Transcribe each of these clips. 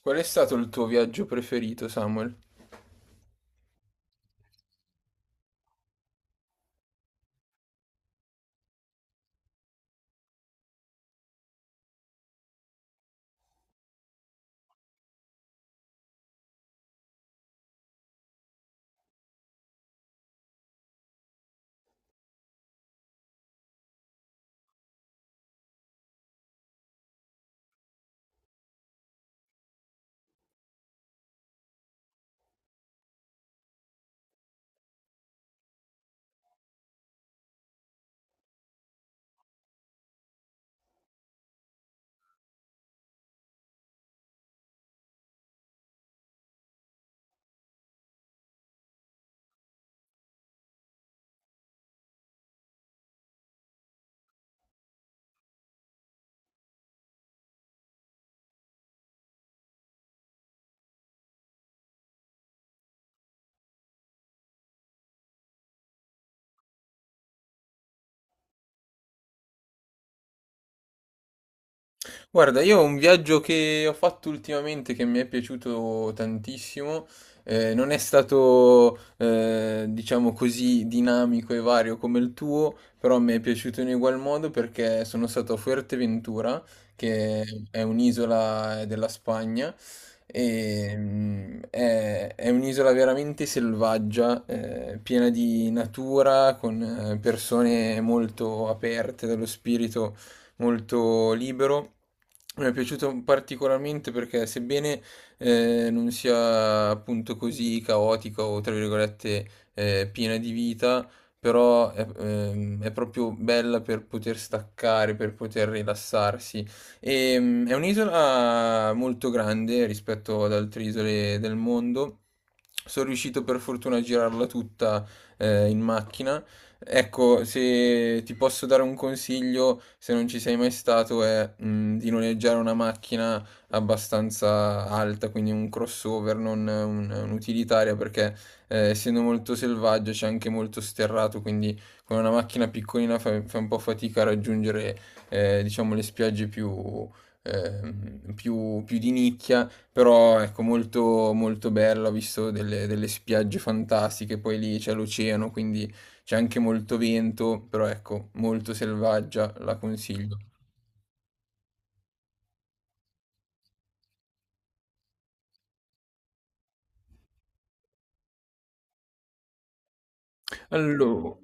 Qual è stato il tuo viaggio preferito, Samuel? Guarda, io ho un viaggio che ho fatto ultimamente che mi è piaciuto tantissimo. Non è stato, diciamo così, dinamico e vario come il tuo, però mi è piaciuto in ugual modo perché sono stato a Fuerteventura, che è un'isola della Spagna, e è un'isola veramente selvaggia, piena di natura, con persone molto aperte dallo spirito molto libero. Mi è piaciuto particolarmente perché sebbene non sia appunto così caotica o tra virgolette piena di vita, però è proprio bella per poter staccare, per poter rilassarsi. È un'isola molto grande rispetto ad altre isole del mondo. Sono riuscito per fortuna a girarla tutta in macchina. Ecco, se ti posso dare un consiglio, se non ci sei mai stato, è di noleggiare una macchina abbastanza alta, quindi un crossover, non un- un'utilitaria, perché essendo molto selvaggio c'è anche molto sterrato, quindi con una macchina piccolina fai un po' fatica a raggiungere, diciamo, le spiagge più di nicchia, però ecco, molto bella, ho visto delle spiagge fantastiche, poi lì c'è l'oceano, quindi c'è anche molto vento, però ecco, molto selvaggia, la consiglio. Allora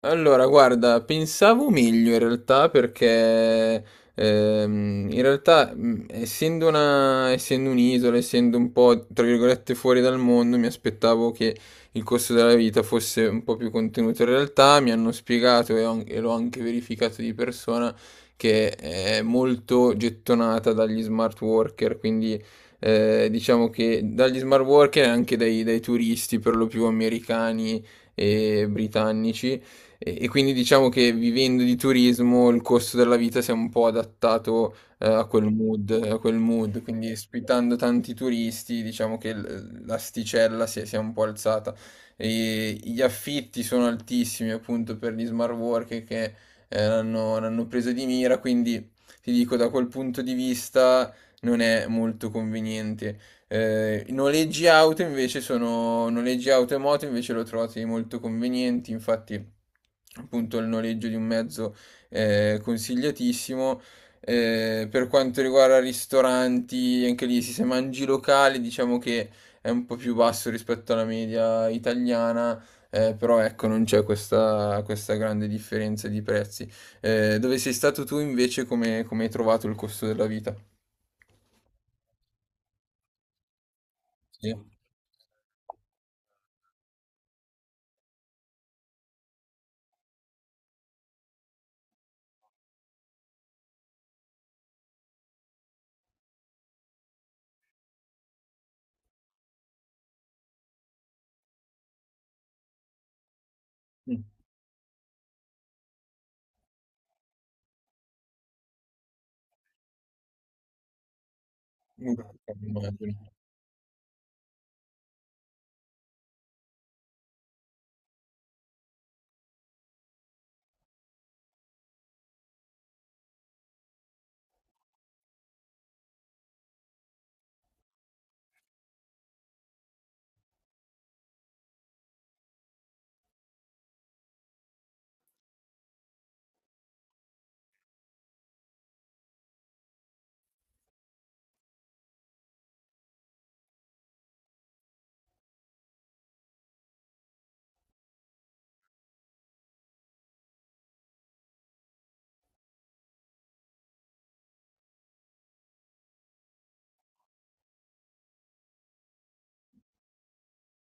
Allora, guarda, pensavo meglio in realtà perché, in realtà, essendo un'isola, essendo un po' tra virgolette fuori dal mondo, mi aspettavo che il costo della vita fosse un po' più contenuto. In realtà mi hanno spiegato e l'ho anche verificato di persona che è molto gettonata dagli smart worker, quindi, diciamo che dagli smart worker e anche dai turisti per lo più americani e britannici, e quindi diciamo che vivendo di turismo il costo della vita si è un po' adattato a quel mood, quindi ospitando tanti turisti diciamo che l'asticella si è un po' alzata. E gli affitti sono altissimi appunto per gli smart worker che l'hanno preso di mira, quindi ti dico da quel punto di vista non è molto conveniente. I noleggi auto invece sono noleggi auto e moto invece lo trovate molto convenienti, infatti appunto il noleggio di un mezzo è consigliatissimo. Per quanto riguarda ristoranti, anche lì se mangi locali, diciamo che è un po' più basso rispetto alla media italiana. Però ecco, non c'è questa grande differenza di prezzi. Dove sei stato tu invece, come, come hai trovato il costo della vita? Sì. Mm.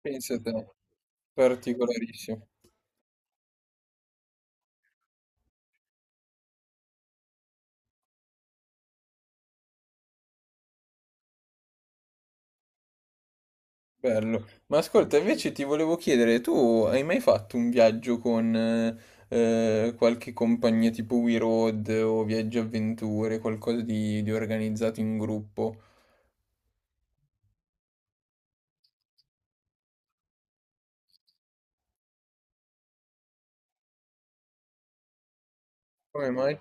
Pensa te, particolarissimo, bello. Ma ascolta, invece ti volevo chiedere, tu hai mai fatto un viaggio con qualche compagnia tipo We Road o Viaggi Avventure, qualcosa di organizzato in gruppo? Come mai?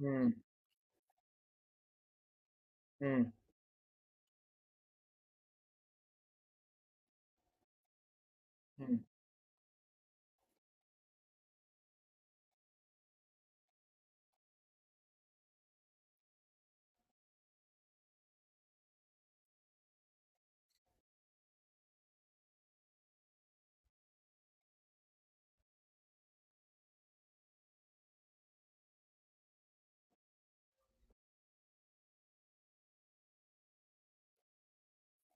Mm, mm, mm.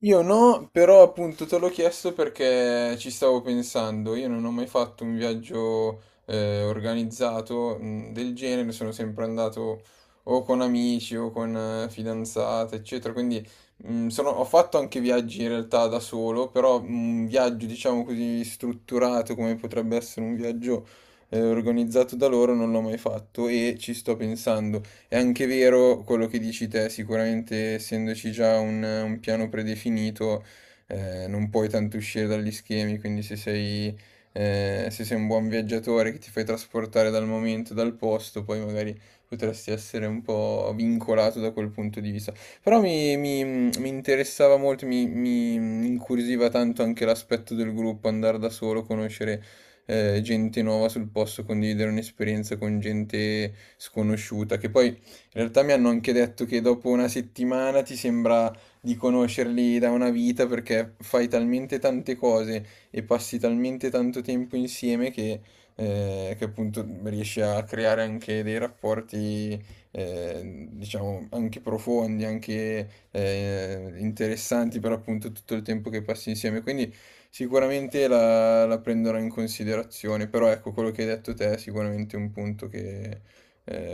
Io no, però appunto te l'ho chiesto perché ci stavo pensando. Io non ho mai fatto un viaggio organizzato, del genere, sono sempre andato o con amici o con fidanzate, eccetera. Quindi, ho fatto anche viaggi in realtà da solo, però un viaggio diciamo così strutturato come potrebbe essere un viaggio organizzato da loro non l'ho mai fatto e ci sto pensando. È anche vero quello che dici te, sicuramente essendoci già un piano predefinito, non puoi tanto uscire dagli schemi, quindi se sei, se sei un buon viaggiatore che ti fai trasportare dal momento, dal posto, poi magari potresti essere un po' vincolato da quel punto di vista. Però mi interessava molto, mi incuriosiva tanto anche l'aspetto del gruppo, andare da solo, conoscere gente nuova sul posto, condividere un'esperienza con gente sconosciuta, che poi in realtà mi hanno anche detto che dopo una settimana ti sembra di conoscerli da una vita perché fai talmente tante cose e passi talmente tanto tempo insieme che appunto riesci a creare anche dei rapporti, diciamo, anche profondi, anche interessanti per appunto tutto il tempo che passi insieme. Quindi sicuramente la prenderò in considerazione, però ecco quello che hai detto te è sicuramente un punto eh,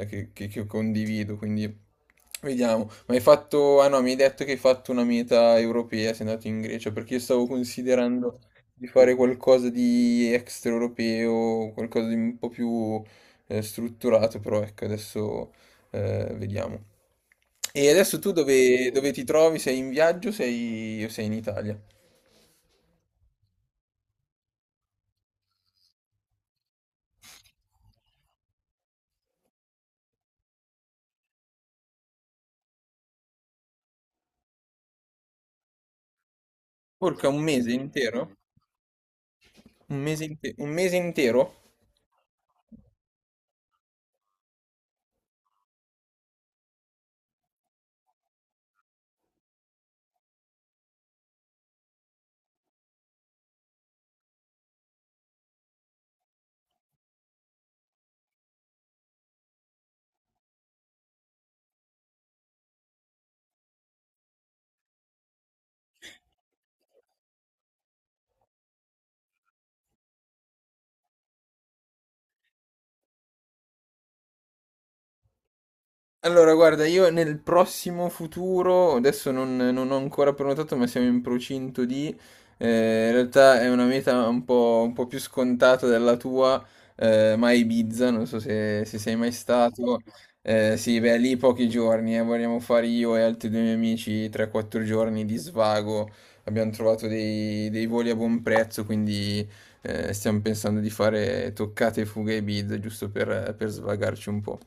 che, che- che condivido, quindi vediamo. Ma hai fatto, ah no, mi hai detto che hai fatto una meta europea, sei andato in Grecia, perché io stavo considerando di fare qualcosa di extraeuropeo, qualcosa di un po' più strutturato, però ecco, adesso vediamo. E adesso tu dove, dove ti trovi? Sei in viaggio o sei in Italia? Porca, un mese intero? Un mese, un mese intero? Allora, guarda, io nel prossimo futuro, adesso non ho ancora prenotato, ma siamo in procinto di, in realtà è una meta un po' più scontata della tua, ma a Ibiza, non so se sei mai stato, sì, beh, lì pochi giorni, vogliamo fare io e altri due miei amici 3-4 giorni di svago, abbiamo trovato dei voli a buon prezzo, quindi stiamo pensando di fare toccate e fughe a Ibiza, giusto per svagarci un po'.